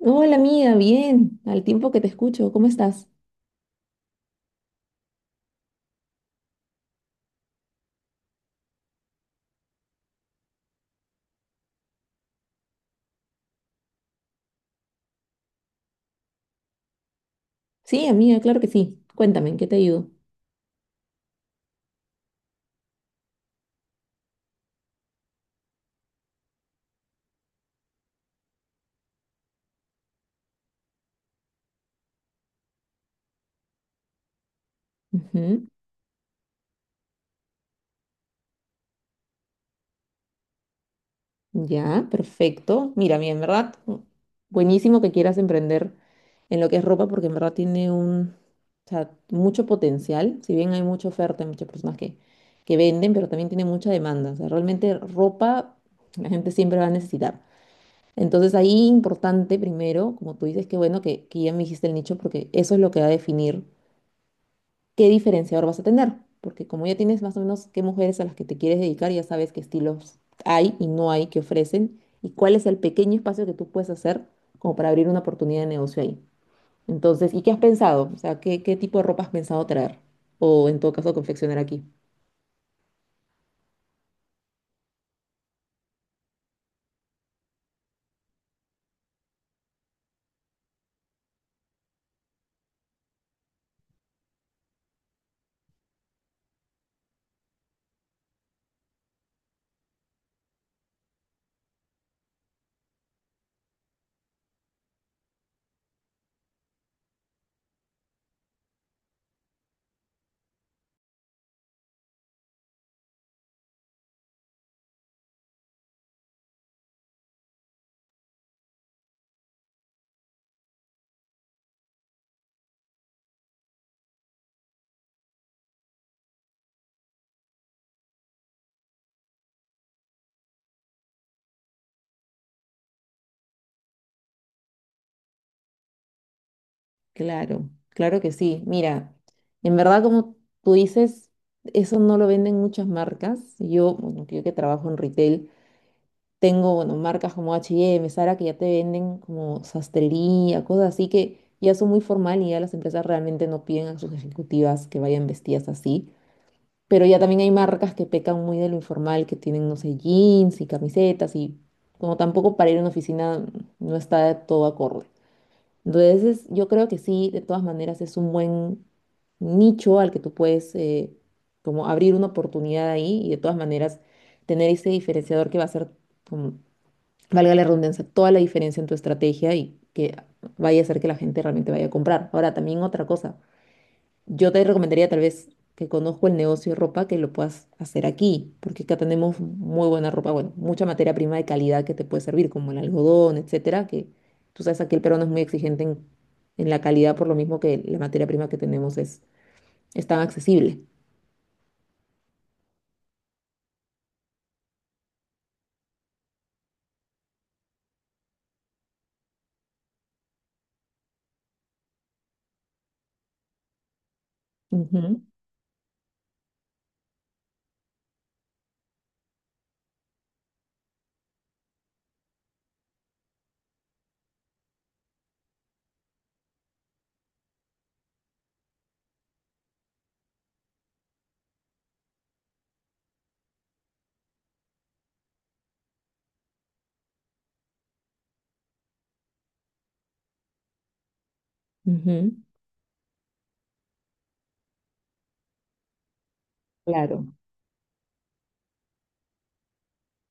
Hola amiga, bien, al tiempo que te escucho, ¿cómo estás? Sí, amiga, claro que sí. Cuéntame, ¿en qué te ayudo? Ujú, ya, perfecto. Mira, mira, en verdad, buenísimo que quieras emprender en lo que es ropa porque en verdad tiene un, o sea, mucho potencial. Si bien hay mucha oferta, hay muchas personas que venden, pero también tiene mucha demanda. O sea, realmente ropa la gente siempre va a necesitar. Entonces ahí importante primero, como tú dices, que bueno que ya me dijiste el nicho porque eso es lo que va a definir. Qué diferenciador vas a tener, porque como ya tienes más o menos qué mujeres a las que te quieres dedicar, ya sabes qué estilos hay y no hay que ofrecen y cuál es el pequeño espacio que tú puedes hacer como para abrir una oportunidad de negocio ahí. Entonces, ¿y qué has pensado? O sea, ¿qué tipo de ropa has pensado traer? O en todo caso, confeccionar aquí. Claro, claro que sí. Mira, en verdad, como tú dices, eso no lo venden muchas marcas. Yo, bueno, yo que trabajo en retail. Tengo, bueno, marcas como H&M, Zara, que ya te venden como sastrería, cosas así que ya son muy formal y ya las empresas realmente no piden a sus ejecutivas que vayan vestidas así. Pero ya también hay marcas que pecan muy de lo informal, que tienen, no sé, jeans y camisetas y como tampoco para ir a una oficina no está todo acorde. Entonces, yo creo que sí, de todas maneras es un buen nicho al que tú puedes como abrir una oportunidad ahí y de todas maneras tener ese diferenciador que va a ser como, valga la redundancia, toda la diferencia en tu estrategia y que vaya a hacer que la gente realmente vaya a comprar. Ahora, también otra cosa, yo te recomendaría tal vez que conozco el negocio de ropa, que lo puedas hacer aquí, porque acá tenemos muy buena ropa, bueno, mucha materia prima de calidad que te puede servir, como el algodón, etcétera, que tú sabes, aquí el peruano es muy exigente en la calidad, por lo mismo que la materia prima que tenemos es tan accesible. Ujú, ujú, claro.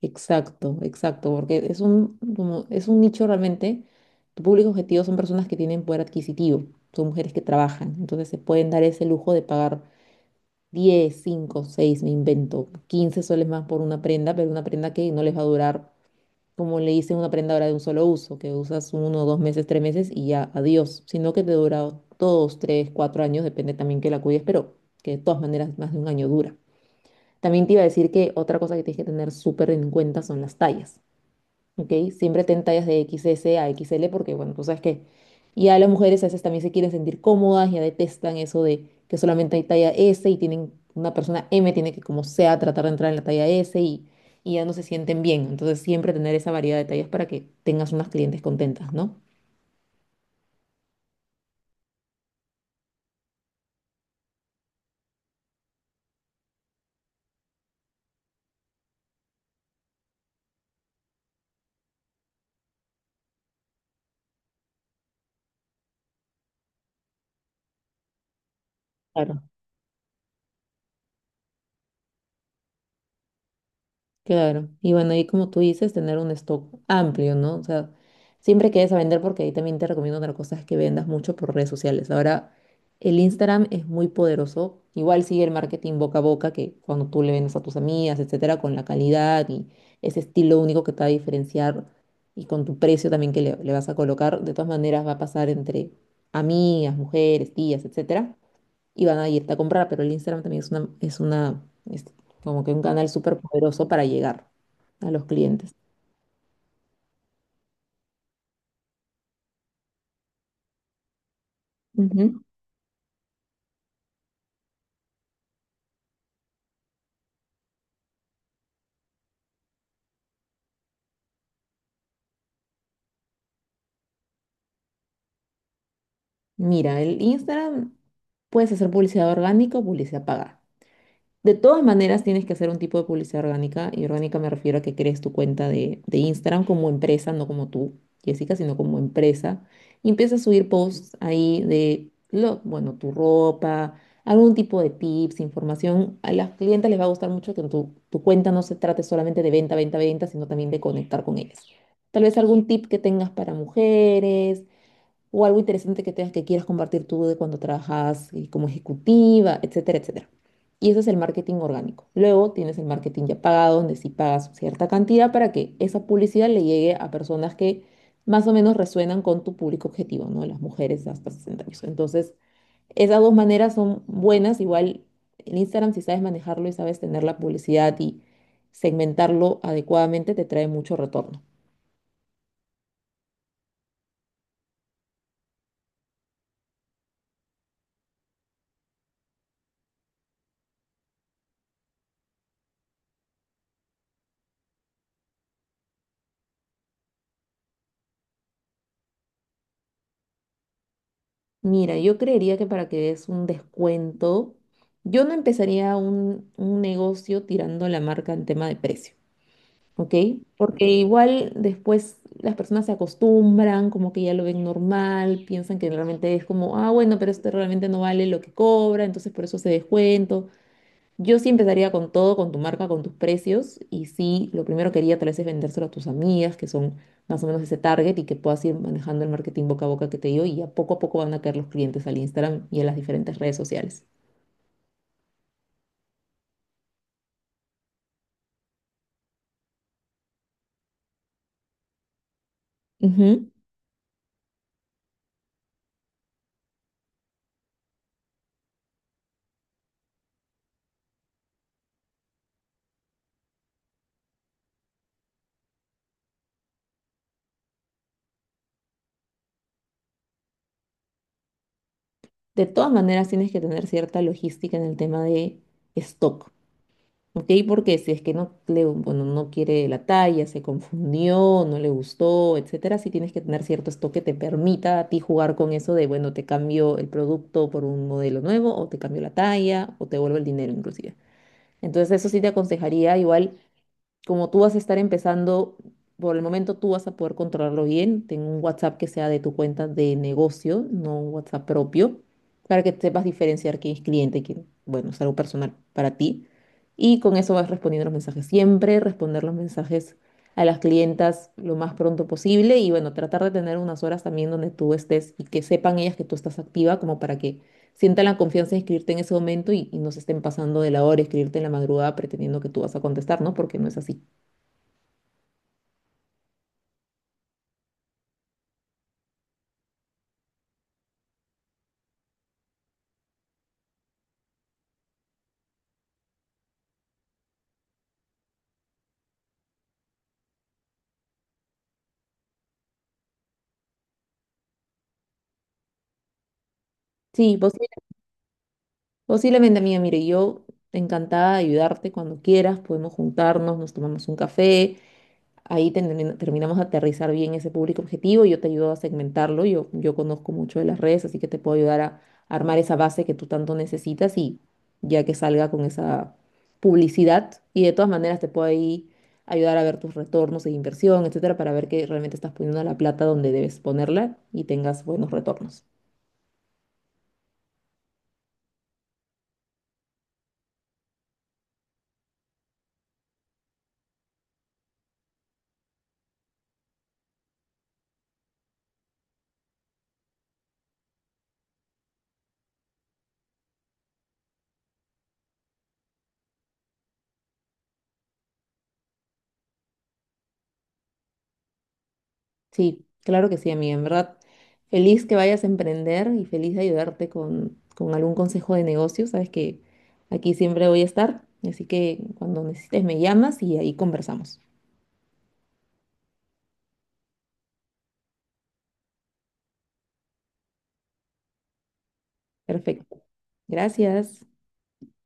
Exacto, exacto, porque es un, como, es un nicho realmente, tu público objetivo son personas que tienen poder adquisitivo, son mujeres que trabajan, entonces se pueden dar ese lujo de pagar 10, 5, 6, me invento, 15 soles más por una prenda, pero una prenda que no les va a durar, como le dicen, una prenda ahora de un solo uso, que usas uno, 2 meses, 3 meses y ya, adiós, sino que te dura 2, 3, 4 años, depende también que la cuides, pero que de todas maneras más de un año dura. También te iba a decir que otra cosa que tienes que tener súper en cuenta son las tallas. ¿Ok? Siempre ten tallas de XS a XL porque, bueno, tú sabes que ya las mujeres a veces también se quieren sentir cómodas, ya detestan eso de que solamente hay talla S y tienen, una persona M tiene que como sea tratar de entrar en la talla S y ya no se sienten bien. Entonces siempre tener esa variedad de tallas para que tengas unas clientes contentas, ¿no? Claro. Claro, y bueno, ahí como tú dices, tener un stock amplio, ¿no? O sea, siempre que vayas a vender, porque ahí también te recomiendo otra cosa, es que vendas mucho por redes sociales. Ahora, el Instagram es muy poderoso, igual sigue el marketing boca a boca, que cuando tú le vendes a tus amigas, etcétera, con la calidad y ese estilo único que te va a diferenciar y con tu precio también que le vas a colocar, de todas maneras va a pasar entre amigas, mujeres, tías, etcétera y van a irte a comprar, pero el Instagram también es una, es como que un canal súper poderoso para llegar a los clientes. Ujú. Mira, el Instagram puedes hacer publicidad orgánica o publicidad pagada. De todas maneras, tienes que hacer un tipo de publicidad orgánica, y orgánica me refiero a que crees tu cuenta de Instagram como empresa, no como tú, Jessica, sino como empresa, y empiezas a subir posts ahí de, lo, bueno, tu ropa, algún tipo de tips, información. A las clientes les va a gustar mucho que tu cuenta no se trate solamente de venta, venta, venta, sino también de conectar con ellas. Tal vez algún tip que tengas para mujeres, o algo interesante que tengas que quieras compartir tú de cuando trabajas como ejecutiva, etcétera, etcétera. Y eso es el marketing orgánico. Luego tienes el marketing ya pagado, donde sí pagas cierta cantidad para que esa publicidad le llegue a personas que más o menos resuenan con tu público objetivo, ¿no? Las mujeres hasta 60 años. Entonces, esas dos maneras son buenas. Igual el Instagram, si sabes manejarlo y sabes tener la publicidad y segmentarlo adecuadamente, te trae mucho retorno. Mira, yo creería que para que des un descuento, yo no empezaría un negocio tirando la marca en tema de precio, ¿ok? Porque igual después las personas se acostumbran, como que ya lo ven normal, piensan que realmente es como, ah, bueno, pero este realmente no vale lo que cobra, entonces por eso se descuento. Yo sí empezaría con todo, con tu marca, con tus precios. Y sí, lo primero que haría tal vez es vendérselo a tus amigas, que son más o menos ese target, y que puedas ir manejando el marketing boca a boca que te digo. Y a poco van a caer los clientes al Instagram y a las diferentes redes sociales. Ujú. De todas maneras, tienes que tener cierta logística en el tema de stock. Ok, porque si es que no le, bueno, no quiere la talla, se confundió, no le gustó, etcétera, sí tienes que tener cierto stock que te permita a ti jugar con eso de, bueno, te cambio el producto por un modelo nuevo, o te cambio la talla, o te vuelvo el dinero inclusive. Entonces, eso sí te aconsejaría igual como tú vas a estar empezando, por el momento tú vas a poder controlarlo bien. Ten un WhatsApp que sea de tu cuenta de negocio, no un WhatsApp propio, para que sepas diferenciar quién es cliente, y quién, bueno, es algo personal para ti. Y con eso vas respondiendo los mensajes siempre, responder los mensajes a las clientas lo más pronto posible y bueno, tratar de tener unas horas también donde tú estés y que sepan ellas que tú estás activa como para que sientan la confianza de escribirte en ese momento y no se estén pasando de la hora, escribirte en la madrugada pretendiendo que tú vas a contestar, ¿no? Porque no es así. Sí, posiblemente, amiga. Mire, yo encantada de ayudarte cuando quieras. Podemos juntarnos, nos tomamos un café. Ahí terminamos de aterrizar bien ese público objetivo. Yo te ayudo a segmentarlo. Yo conozco mucho de las redes, así que te puedo ayudar a armar esa base que tú tanto necesitas y ya que salga con esa publicidad. Y de todas maneras te puedo ahí ayudar a ver tus retornos de inversión, etcétera, para ver que realmente estás poniendo la plata donde debes ponerla y tengas buenos retornos. Sí, claro que sí, amiga. En verdad, feliz que vayas a emprender y feliz de ayudarte con algún consejo de negocio. Sabes que aquí siempre voy a estar, así que cuando necesites me llamas y ahí conversamos. Perfecto. Gracias.